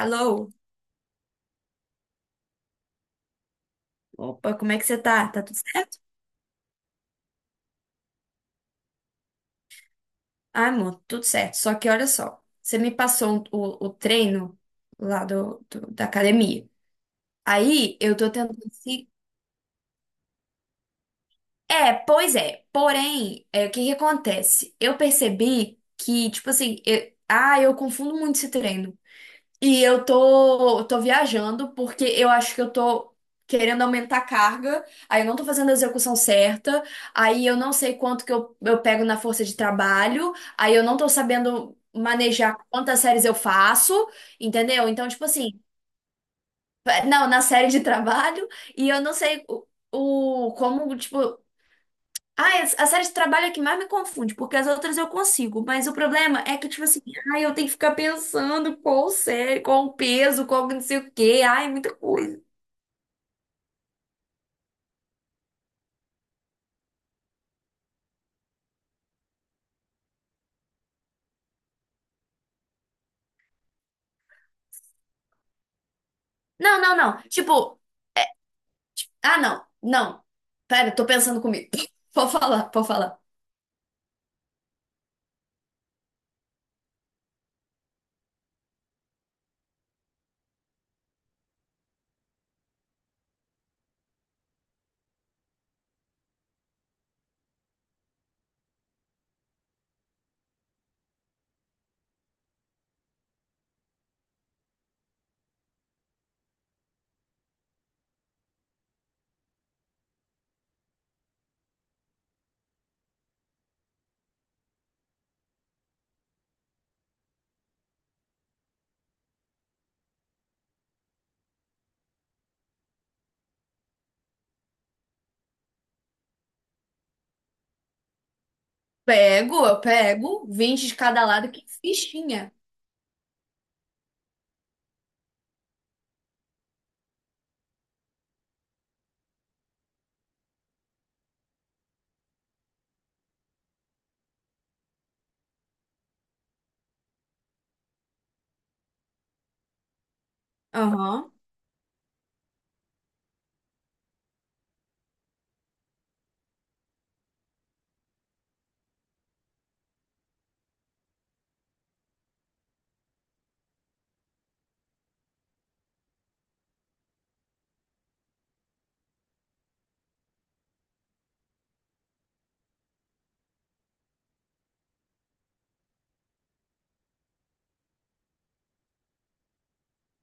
Alô? Opa, como é que você tá? Tá tudo certo? Ah, amor, tudo certo. Só que olha só, você me passou o treino lá da academia. Aí eu tô tentando se. É, pois é. Porém, o que que acontece? Eu percebi que, tipo assim, eu confundo muito esse treino. E eu tô viajando porque eu acho que eu tô querendo aumentar a carga, aí eu não tô fazendo a execução certa, aí eu não sei quanto que eu pego na força de trabalho, aí eu não tô sabendo manejar quantas séries eu faço, entendeu? Então, tipo assim, é, não, na série de trabalho, e eu não sei o como, tipo. Ah, a série de trabalho é que mais me confunde, porque as outras eu consigo, mas o problema é que, tipo assim, ai, eu tenho que ficar pensando qual série, qual o peso, qual não sei o quê, ai, muita coisa. Não, não, não. Tipo, ah, não, não. Pera, tô pensando comigo. Pode falar, pode falar. Pego, eu pego, 20 de cada lado, que fichinha. Aham.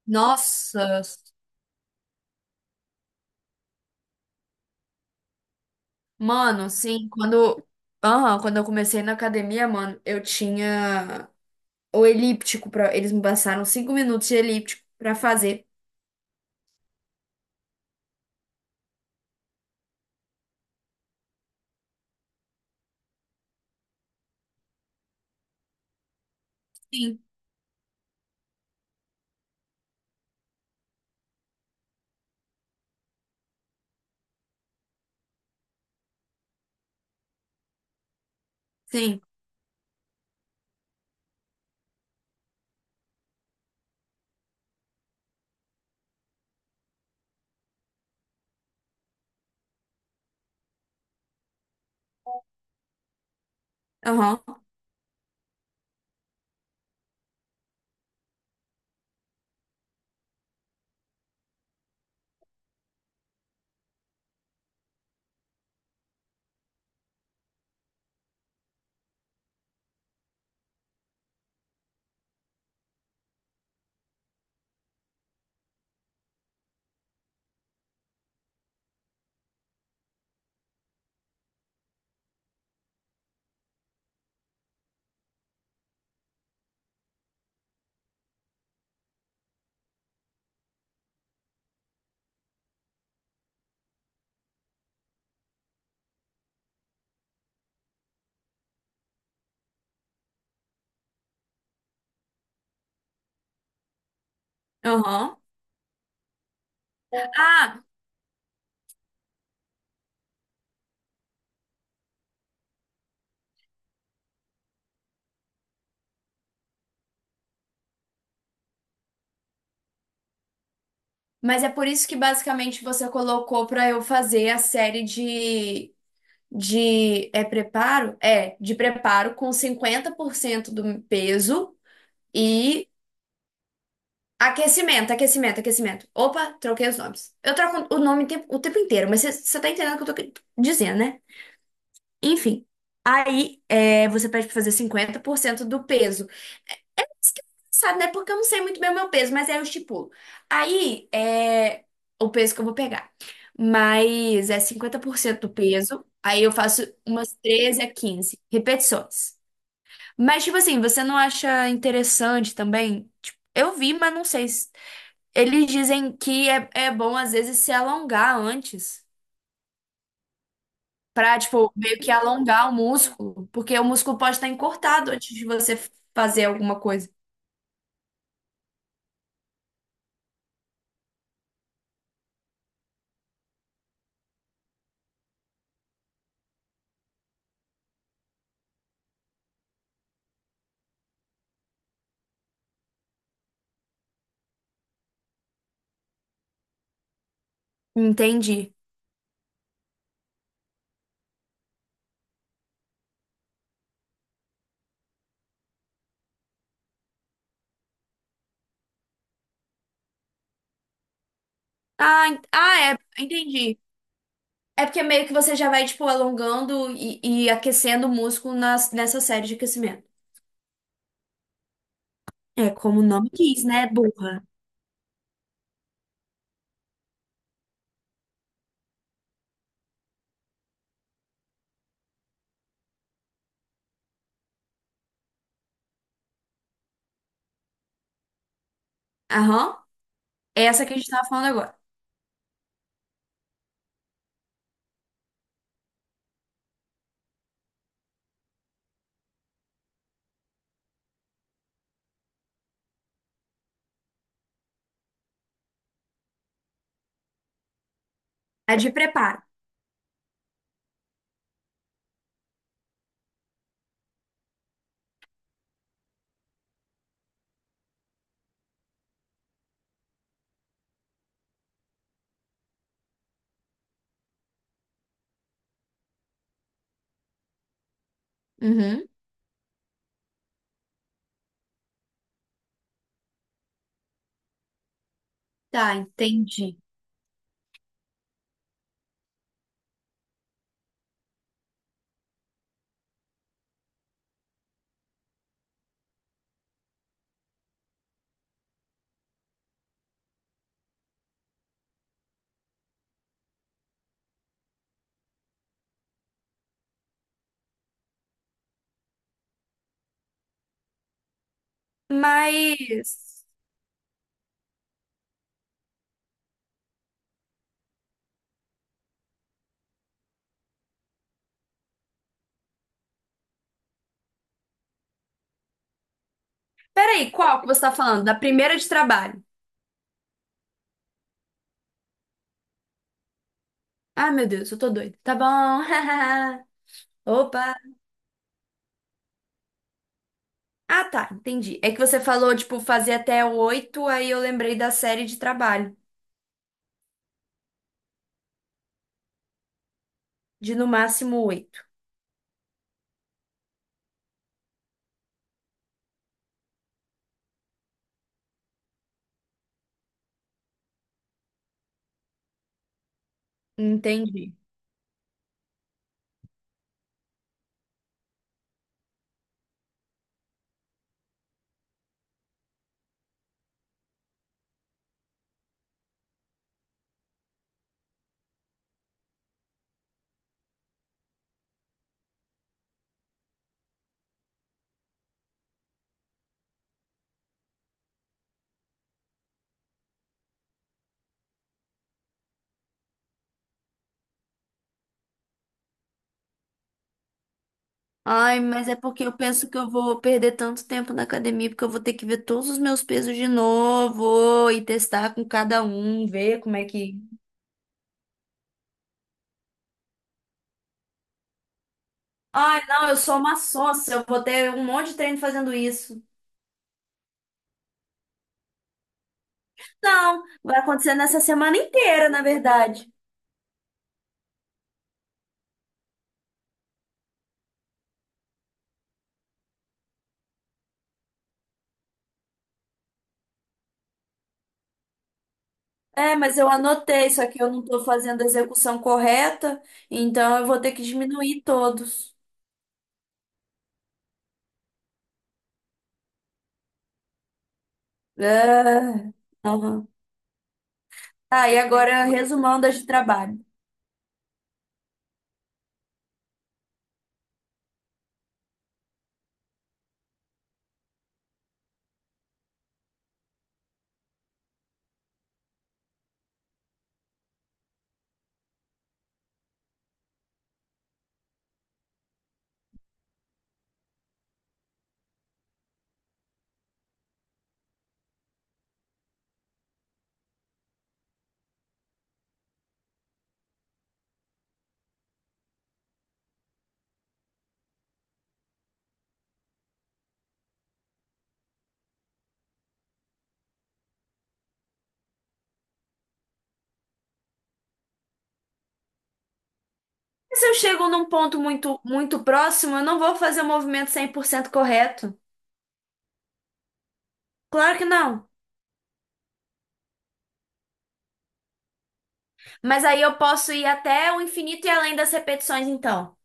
Nossa, mano, sim, quando. Aham, quando eu comecei na academia, mano, eu tinha. Ou elíptico para eles me passaram 5 minutos de elíptico para fazer. Sim, sim. Aham, aham. Ah, mas é por isso que basicamente você colocou para eu fazer a série de preparo? É, de preparo com 50% do peso e aquecimento, aquecimento, aquecimento. Opa, troquei os nomes. Eu troco o nome o tempo inteiro, mas você tá entendendo o que eu tô dizendo, né? Enfim. Aí, é, você pede para fazer 50% do peso. Isso que é engraçado, né? Porque eu não sei muito bem o meu peso, mas aí eu estipulo. Aí é o peso que eu vou pegar. Mas é 50% do peso. Aí eu faço umas 13 a 15 repetições. Mas, tipo assim, você não acha interessante também? Tipo, eu vi, mas não sei. Eles dizem que é bom, às vezes, se alongar antes. Pra, tipo, meio que alongar o músculo. Porque o músculo pode estar encurtado antes de você fazer alguma coisa. Entendi. Ah, entendi. É porque meio que você já vai, tipo, alongando e aquecendo o músculo nessa série de aquecimento. É como o nome diz, né, burra? Aham. É essa que a gente tava falando agora. A de preparo. Uhum. Tá, entendi. Mas. Peraí, qual que você tá falando? Da primeira de trabalho. Ah, meu Deus, eu tô doida. Tá bom. Opa. Ah, tá, entendi. É que você falou, tipo, fazer até oito, aí eu lembrei da série de trabalho, de no máximo oito. Entendi. Ai, mas é porque eu penso que eu vou perder tanto tempo na academia, porque eu vou ter que ver todos os meus pesos de novo e testar com cada um, ver como é que. Ai, não, eu sou uma sócia, eu vou ter um monte de treino fazendo isso. Não, vai acontecer nessa semana inteira, na verdade. É, mas eu anotei, só que eu não tô fazendo a execução correta, então eu vou ter que diminuir todos. É. Aham. Ah, e agora resumão das de trabalho. E se eu chego num ponto muito, muito próximo, eu não vou fazer o movimento 100% correto. Claro que não. Mas aí eu posso ir até o infinito e além das repetições, então.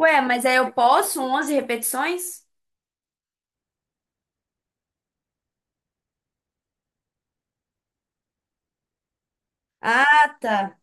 Ué, mas aí eu posso 11 repetições? Ah, tá.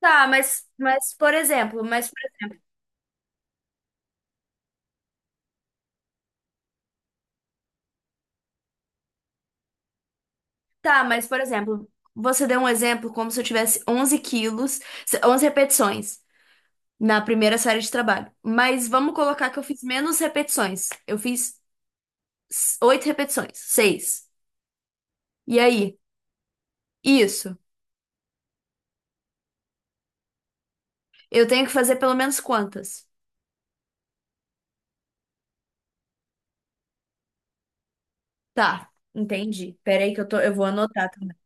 Tá, mas, mas por exemplo, mas, tá, mas por exemplo, você deu um exemplo como se eu tivesse 11 quilos, 11 repetições na primeira série de trabalho. Mas vamos colocar que eu fiz menos repetições. Eu fiz 8 repetições, 6. E aí? Isso. Eu tenho que fazer pelo menos quantas? Tá, entendi. Peraí que eu vou anotar também.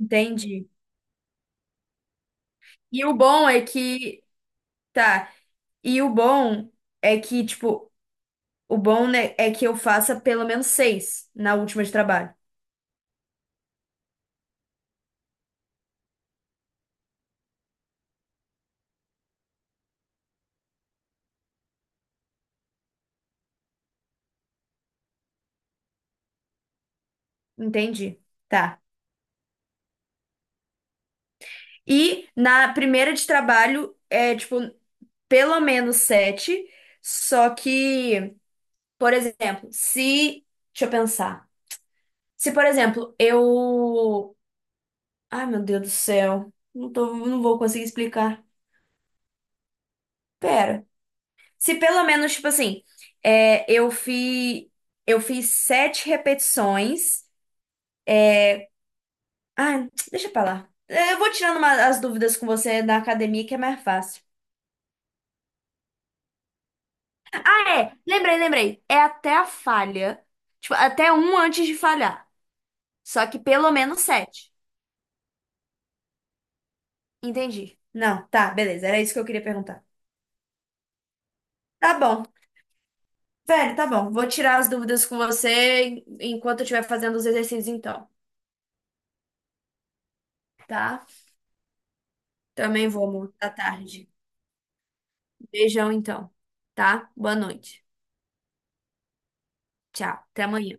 Entendi. E o bom é que, tá, e o bom é que, tipo, o bom, né, é que eu faça pelo menos seis na última de trabalho. Entendi. Tá. E na primeira de trabalho é, tipo, pelo menos sete, só que, por exemplo, se, deixa eu pensar. Se, por exemplo, eu ai, meu Deus do céu. Não tô, não vou conseguir explicar. Pera. Se pelo menos, tipo assim, é, eu fiz, eu fiz sete repetições. Ah, deixa pra lá. É, eu vou tirando as dúvidas com você da academia, que é mais fácil. É, lembrei, lembrei. É até a falha. Tipo, até um antes de falhar. Só que pelo menos sete. Entendi. Não, tá, beleza. Era isso que eu queria perguntar. Tá bom. Velho, tá bom. Vou tirar as dúvidas com você enquanto eu estiver fazendo os exercícios, então. Tá? Também vou, amor, tá tarde. Beijão então, tá? Boa noite. Tchau, até amanhã.